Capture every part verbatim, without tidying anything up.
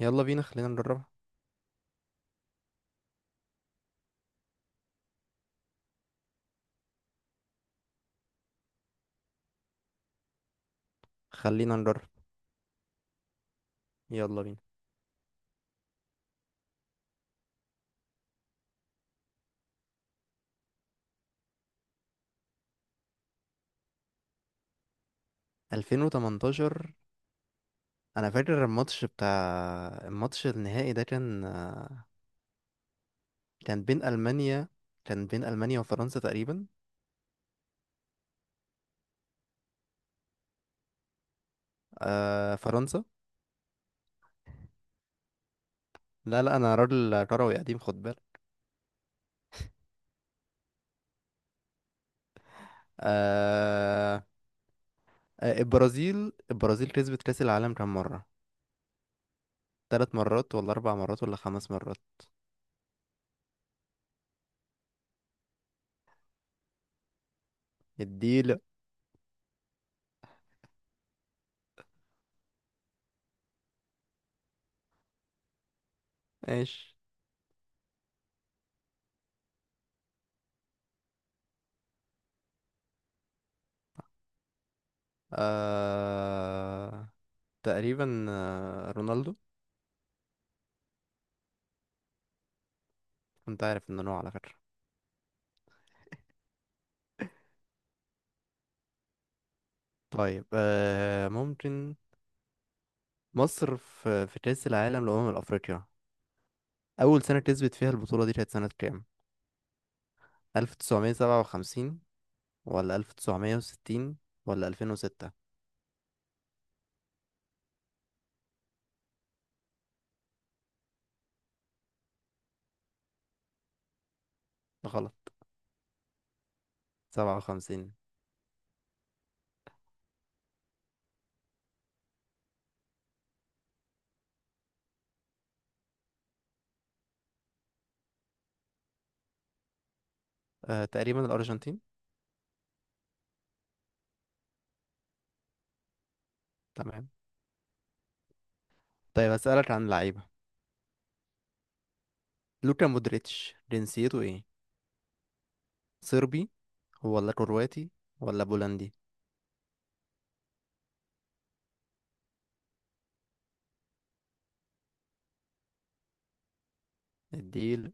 يلا بينا، خلينا نجربها. خلينا نجرب. يلا بينا. ألفين وتمنتاشر. انا فاكر الماتش بتاع الماتش النهائي ده، كان كان بين المانيا كان بين المانيا وفرنسا تقريبا. آه، فرنسا. لا لا، انا راجل كروي قديم، خد بالك. آه. آه، البرازيل البرازيل كسبت كاس العالم كام مره؟ ثلاث مرات ولا اربع مرات ولا خمس مرات؟ اديله. ماشي. آه تقريبا آه، رونالدو. كنت عارف ان هو، على فكرة. طيب، آه ممكن. مصر في في كأس العالم لأمم أفريقيا، أول سنة كسبت فيها البطولة دي كانت سنة كام؟ ألف وتسعمائة وسبعة وخمسين ولا ألف وتسعمائة وستين ولا ألفين وستة؟ غلط. سبعة وخمسين. آه تقريبا الأرجنتين. تمام. طيب، هسألك عن اللعيبة. لوكا مودريتش جنسيته إيه؟ صربي ولا كرواتي ولا بولندي؟ الديل.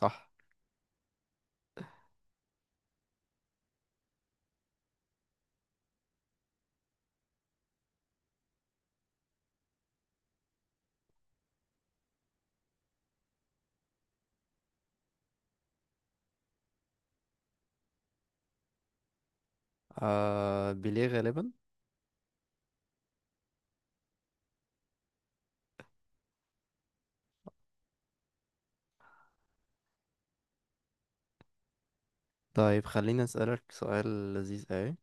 صح. آه بيليه غالبا. طيب، خليني أسألك سؤال لذيذ أوي.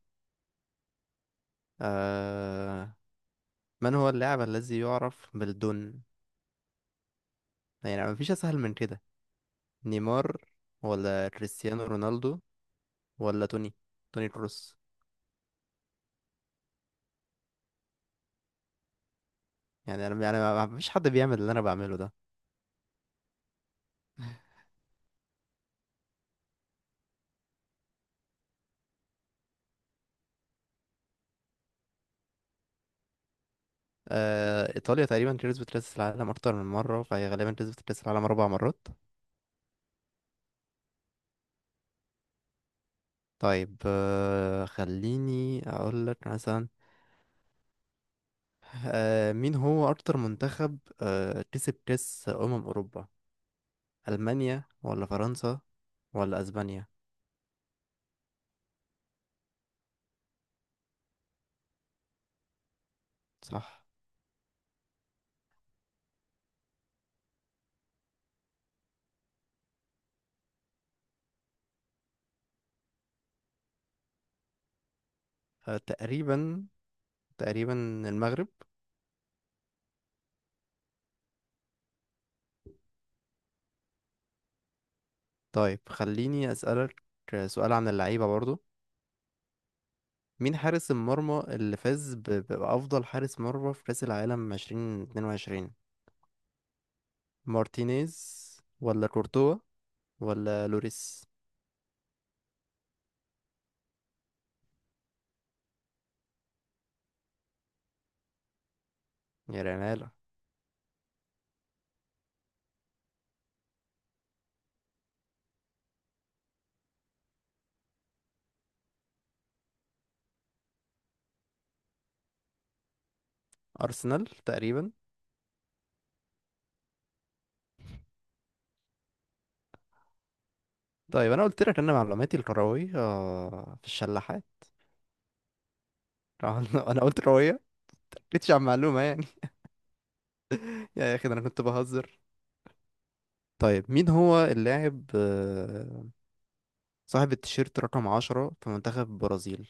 آه. من هو اللاعب الذي يعرف بالدون؟ يعني مفيش اسهل من كده. نيمار ولا كريستيانو رونالدو ولا توني توني كروس؟ يعني انا، يعني ما ما فيش حد بيعمل اللي انا بعمله ده. آه ايطاليا تقريبا كسبت كاس العالم اكتر من مره، فهي غالبا كسبت كاس العالم اربع مرات. طيب، آه خليني اقول لك مثلا. آه مين هو اكتر منتخب آه كسب كاس امم اوروبا؟ المانيا ولا فرنسا ولا اسبانيا؟ صح. آه تقريبا تقريبا المغرب. طيب، خليني أسألك سؤال عن اللعيبة برضو. مين حارس المرمى اللي فاز ب- بأفضل حارس مرمى في كأس العالم ألفين واتنين وعشرين؟ مارتينيز ولا كورتوا ولا لوريس؟ يا ريال. أرسنال تقريبا. طيب، أنا قلت لك أن معلوماتي الكروية في الشلاحات. أنا قلت كروية، مكنتش عن معلومة يعني. يا أخي، ده أنا كنت بهزر. طيب، مين هو اللاعب آه، صاحب التيشيرت رقم عشرة في منتخب البرازيل؟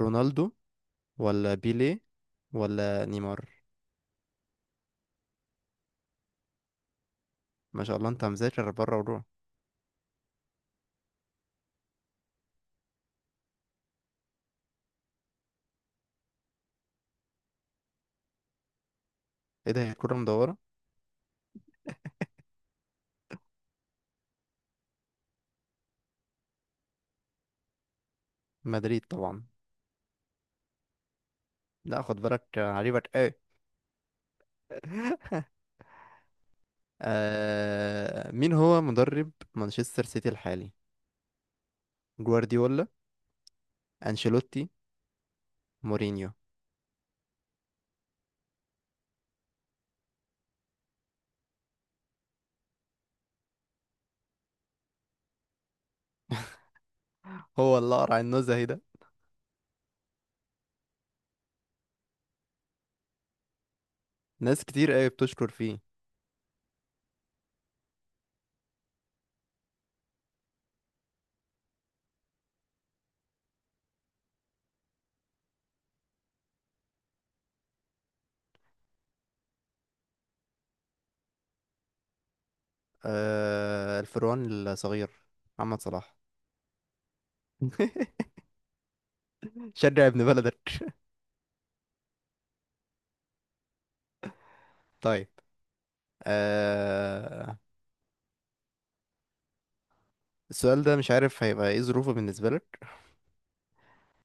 رونالدو ولا بيليه ولا نيمار؟ ما شاء الله، انت مذاكر بره وروح. ايه ده، هي الكرة مدورة؟ مدريد طبعا. لا، خد بالك آه، عجيبك ايه؟ آه مين هو مدرب مانشستر سيتي الحالي؟ جوارديولا؟ انشيلوتي؟ مورينيو؟ هو اللي قرع النزهة ده. ناس كتير قوي بتشكر فيه. آه الفروان الصغير، محمد صلاح. شجع ابن بلدك. طيب، آه السؤال ده مش عارف هيبقى ايه ظروفه بالنسبة لك،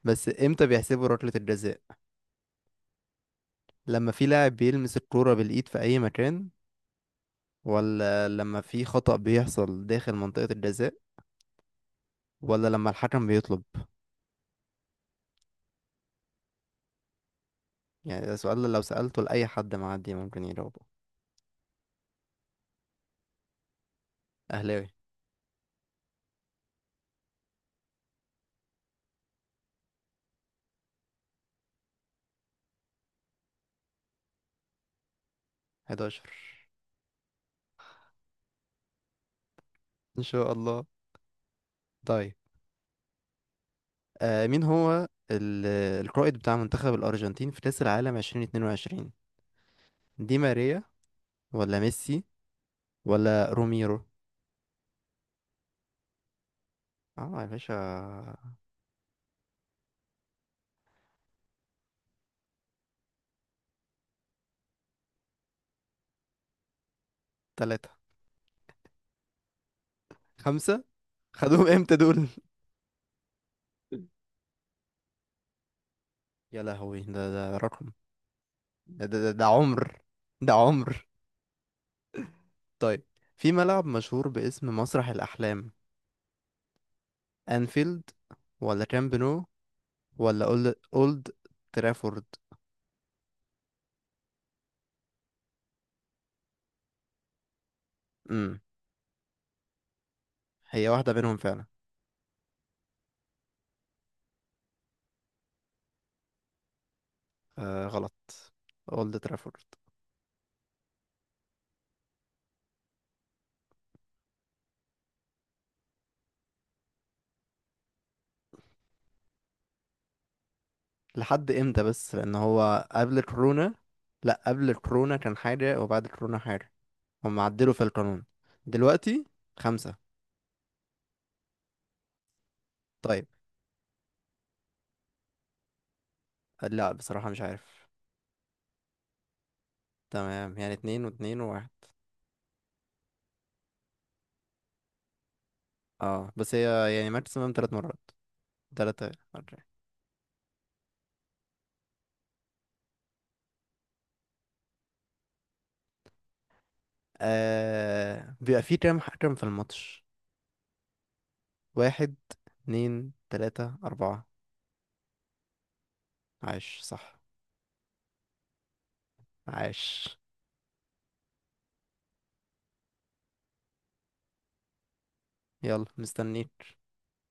بس امتى بيحسبوا ركلة الجزاء؟ لما في لاعب بيلمس الكورة بالإيد في أي مكان، ولا لما في خطأ بيحصل داخل منطقة الجزاء، ولا لما الحكم بيطلب؟ يعني ده سؤال لو سألته لأي حد معدي ممكن يجاوبه. أهلاوي. حداشر. إن شاء الله. طيب، آه مين هو ال- القائد بتاع منتخب الأرجنتين في كأس العالم ألفين واتنين وعشرين؟ دي ماريا ولا ميسي ولا روميرو؟ اه يا باشا. تلاتة. خمسة. خدوهم امتى دول؟ يا لهوي، ده ده رقم. ده, ده, ده ده عمر. ده عمر. طيب، في ملعب مشهور باسم مسرح الأحلام: أنفيلد ولا كامب نو ولا أولد, أولد ترافورد؟ امم. هي واحدة بينهم فعلا. آه غلط، أولد ترافورد. لحد إمتى؟ بس لأن هو قبل كورونا. لأ، قبل كورونا كان حاجة وبعد كورونا حاجة. هم عدلوا في القانون دلوقتي. خمسة. طيب. لأ، بصراحة مش عارف. تمام، يعني اتنين واتنين وواحد. اه، بس هي يعني ماكسيمم تلات مرات. تلاتة، أربعة. آه بيبقى فيه كام حكم في الماتش؟ واحد؟ اتنين؟ تلاتة؟ أربعة؟ عاش، صح. عاش. يلا، مستنيك.